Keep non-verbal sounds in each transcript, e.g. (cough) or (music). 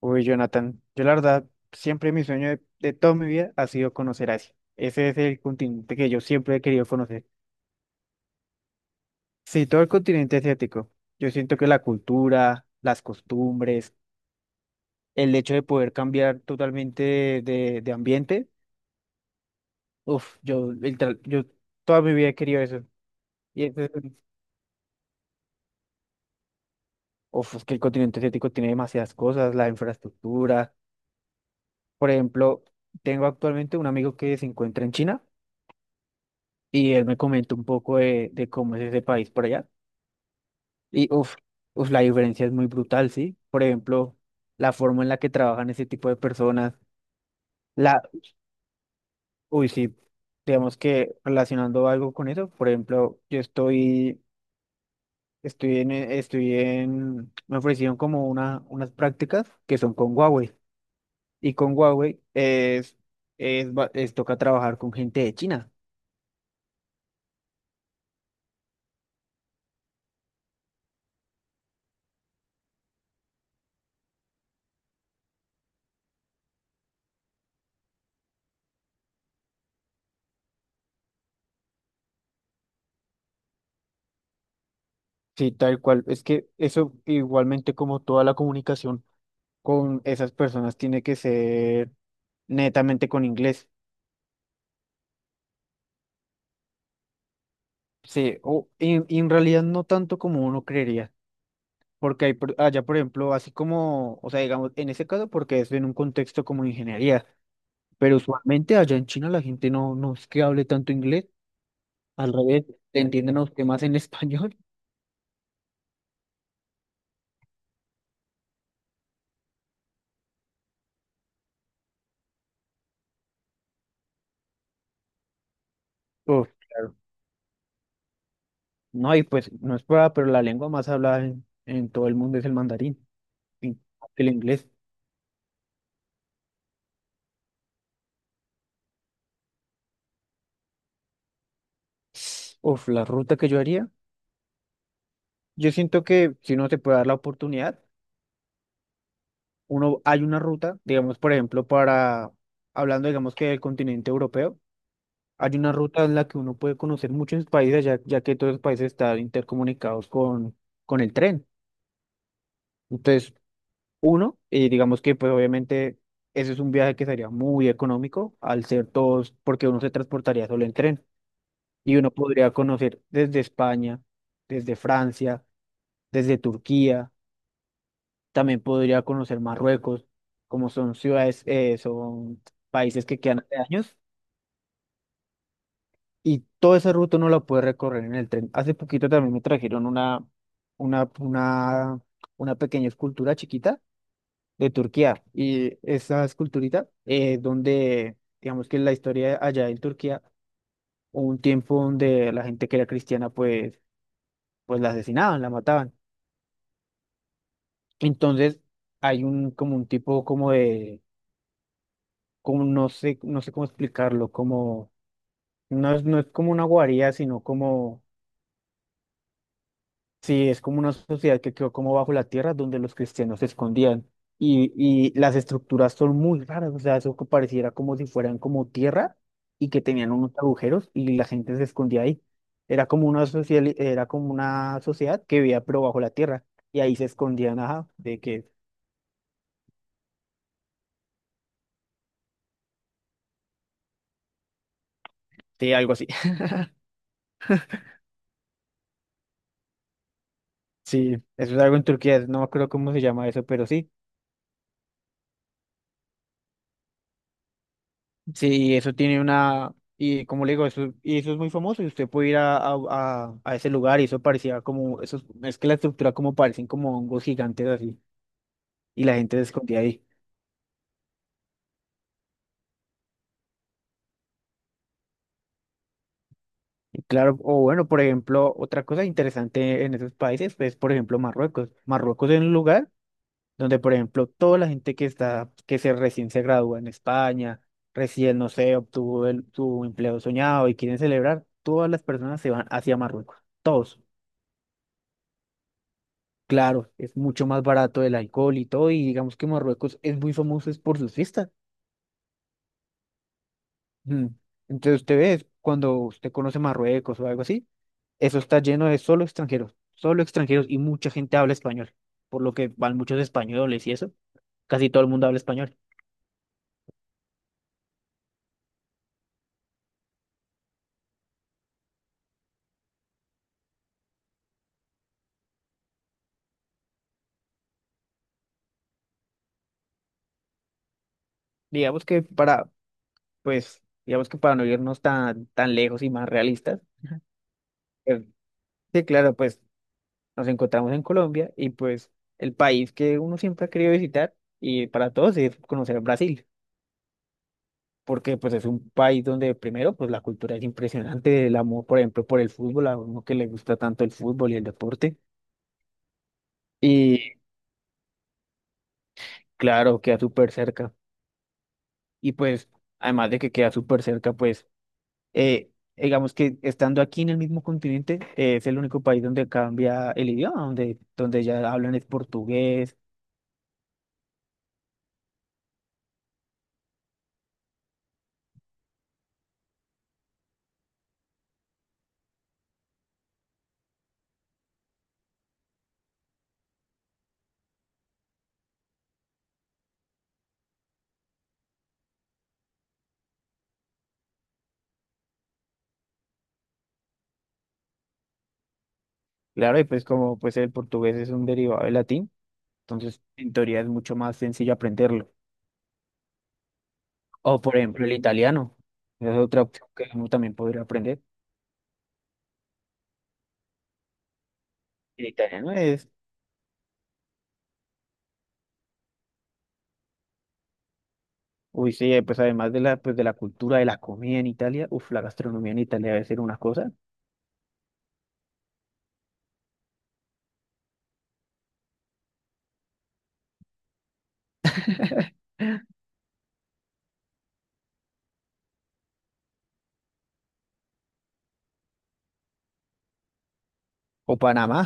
Uy, Jonathan, yo la verdad, siempre mi sueño de toda mi vida ha sido conocer Asia. Ese es el continente que yo siempre he querido conocer. Sí, todo el continente asiático. Yo siento que la cultura, las costumbres, el hecho de poder cambiar totalmente de ambiente, yo, yo toda mi vida he querido eso. Y eso, es que el continente asiático tiene demasiadas cosas, la infraestructura. Por ejemplo, tengo actualmente un amigo que se encuentra en China, y él me comentó un poco de cómo es ese país por allá. Y la diferencia es muy brutal, ¿sí? Por ejemplo, la forma en la que trabajan ese tipo de personas, la, sí, digamos que relacionando algo con eso, por ejemplo, yo estoy, estoy en, estoy en, me ofrecieron como unas prácticas que son con Huawei. Y con Huawei es toca trabajar con gente de China. Sí, tal cual. Es que eso igualmente como toda la comunicación con esas personas tiene que ser netamente con inglés. Sí, o en realidad no tanto como uno creería, porque allá, por ejemplo, así como, o sea, digamos, en ese caso, porque es en un contexto como ingeniería, pero usualmente allá en China la gente no es que hable tanto inglés, al revés, te entienden a usted más en (laughs) español. Uf, claro. No, y pues no es prueba, pero la lengua más hablada en todo el mundo es el mandarín, y el inglés. Uf, la ruta que yo haría. Yo siento que si uno se puede dar la oportunidad, uno hay una ruta, digamos, por ejemplo, para, hablando, digamos, que del continente europeo, hay una ruta en la que uno puede conocer muchos países, ya que todos los países están intercomunicados con el tren. Entonces, uno, y digamos que, pues obviamente, ese es un viaje que sería muy económico al ser todos, porque uno se transportaría solo en tren, y uno podría conocer desde España, desde Francia, desde Turquía. También podría conocer Marruecos, como son ciudades, son países que quedan hace años y toda esa ruta no la puede recorrer en el tren. Hace poquito también me trajeron una, una, una pequeña escultura chiquita de Turquía y esa esculturita donde, digamos que la historia allá en Turquía, hubo un tiempo donde la gente que era cristiana pues la asesinaban, la mataban. Entonces hay un como un tipo como de como no sé, no sé cómo explicarlo, como no es como una guarida, sino como, sí, es como una sociedad que quedó como bajo la tierra donde los cristianos se escondían. Y las estructuras son muy raras, o sea, eso que pareciera como si fueran como tierra y que tenían unos agujeros y la gente se escondía ahí. Era como una sociedad que vivía pero bajo la tierra y ahí se escondían, ajá, de que, de algo así. (laughs) Sí, eso es algo en Turquía, no me acuerdo cómo se llama eso, pero sí. Sí, eso tiene una, y como le digo, eso, y eso es muy famoso, y usted puede ir a ese lugar, y eso parecía como, eso, es que la estructura como parecen como hongos gigantes así, y la gente se escondía ahí. Y claro, o bueno, por ejemplo, otra cosa interesante en esos países es, por ejemplo, Marruecos. Marruecos es un lugar donde, por ejemplo, toda la gente que se recién se gradúa en España, recién, no sé, obtuvo su empleo soñado y quieren celebrar, todas las personas se van hacia Marruecos, todos. Claro, es mucho más barato el alcohol y todo, y digamos que Marruecos es muy famoso es por sus fiestas. Mm. Entonces usted ve, cuando usted conoce Marruecos o algo así, eso está lleno de solo extranjeros y mucha gente habla español, por lo que van muchos españoles y eso, casi todo el mundo habla español. Digamos que para, pues, digamos que para no irnos tan lejos y más realistas, eh, sí, claro, pues nos encontramos en Colombia y pues el país que uno siempre ha querido visitar y para todos es conocer Brasil, porque pues es un país donde primero pues la cultura es impresionante, el amor por ejemplo por el fútbol, a uno que le gusta tanto el fútbol y el deporte y claro, queda súper cerca y pues además de que queda súper cerca pues eh, digamos que estando aquí en el mismo continente es el único país donde cambia el idioma, donde ya hablan es portugués. Claro, y pues como pues el portugués es un derivado del latín. Entonces, en teoría es mucho más sencillo aprenderlo. O, por ejemplo, el italiano. Esa es otra opción que uno también podría aprender. El italiano es, uy, sí, pues además de pues de la cultura, de la comida en Italia, uf, la gastronomía en Italia debe ser una cosa. O Panamá.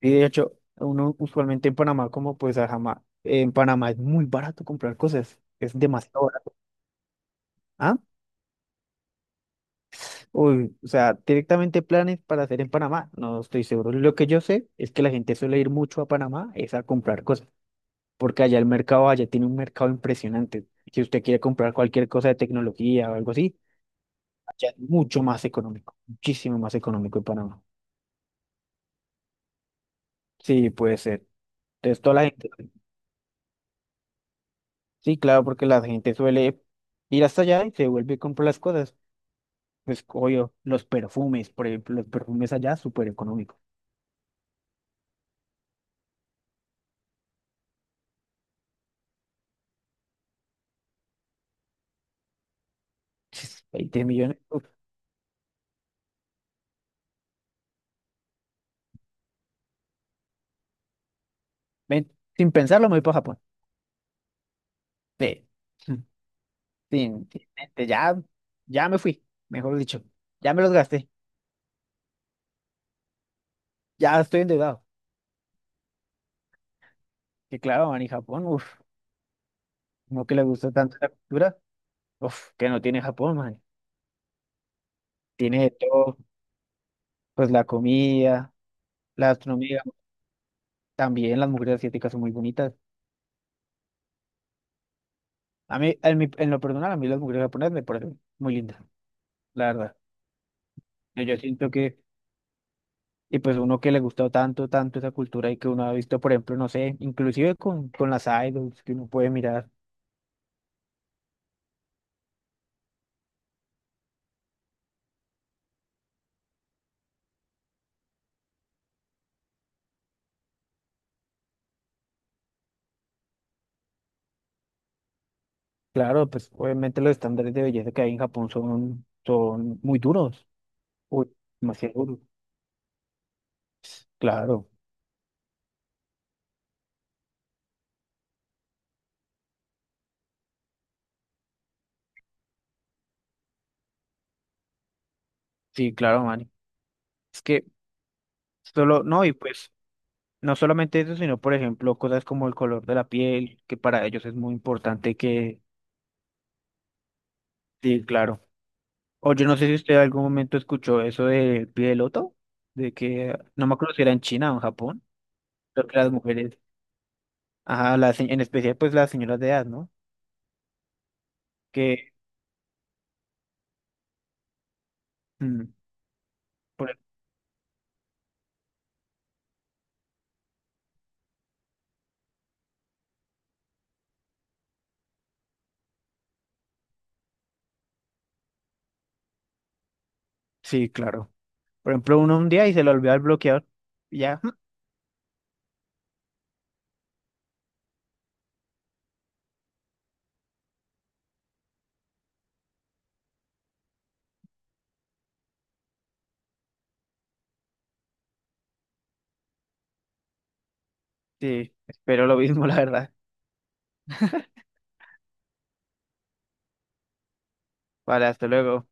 Y de hecho, uno usualmente en Panamá, como pues a en Panamá es muy barato comprar cosas. Es demasiado barato. ¿Ah? Uy, o sea, directamente planes para hacer en Panamá. No estoy seguro. Lo que yo sé es que la gente suele ir mucho a Panamá es a comprar cosas, porque allá tiene un mercado impresionante. Si usted quiere comprar cualquier cosa de tecnología o algo así, allá es mucho más económico, muchísimo más económico en Panamá. Sí, puede ser. Entonces, toda la gente, sí, claro, porque la gente suele ir hasta allá y se vuelve y compra las cosas. Pues, obvio, los perfumes, por ejemplo, los perfumes allá, súper económicos. (laughs) 20 millones. Ven, sin pensarlo, me voy para Japón. Ve, (laughs) sin mente, ya, ya me fui, mejor dicho, ya me los gasté, ya estoy endeudado. Que claro, man, y Japón, uno que le gusta tanto la cultura, uff, que no tiene Japón, man. Tiene de todo, pues la comida, la gastronomía, también las mujeres asiáticas son muy bonitas. A mí, en lo personal, a mí las mujeres japonesas me parecen muy lindas, la verdad. Yo siento que, y pues uno que le gustó tanto, tanto esa cultura y que uno ha visto, por ejemplo, no sé, inclusive con las idols que uno puede mirar. Claro, pues obviamente los estándares de belleza que hay en Japón son, son muy duros, uy, demasiado duros, claro. Sí, claro, man. Es que solo, no, y pues no solamente eso, sino por ejemplo cosas como el color de la piel, que para ellos es muy importante que, sí, claro. O yo no sé si usted en algún momento escuchó eso del pie de loto, de que, no me acuerdo si era en China o en Japón, pero que las mujeres, ajá, en especial pues las señoras de edad, ¿no? Que, mm, por- sí, claro. Por ejemplo, uno un día y se le olvidó el bloqueador, y ya, (laughs) sí, espero lo mismo, (laughs) la verdad. Vale, hasta luego.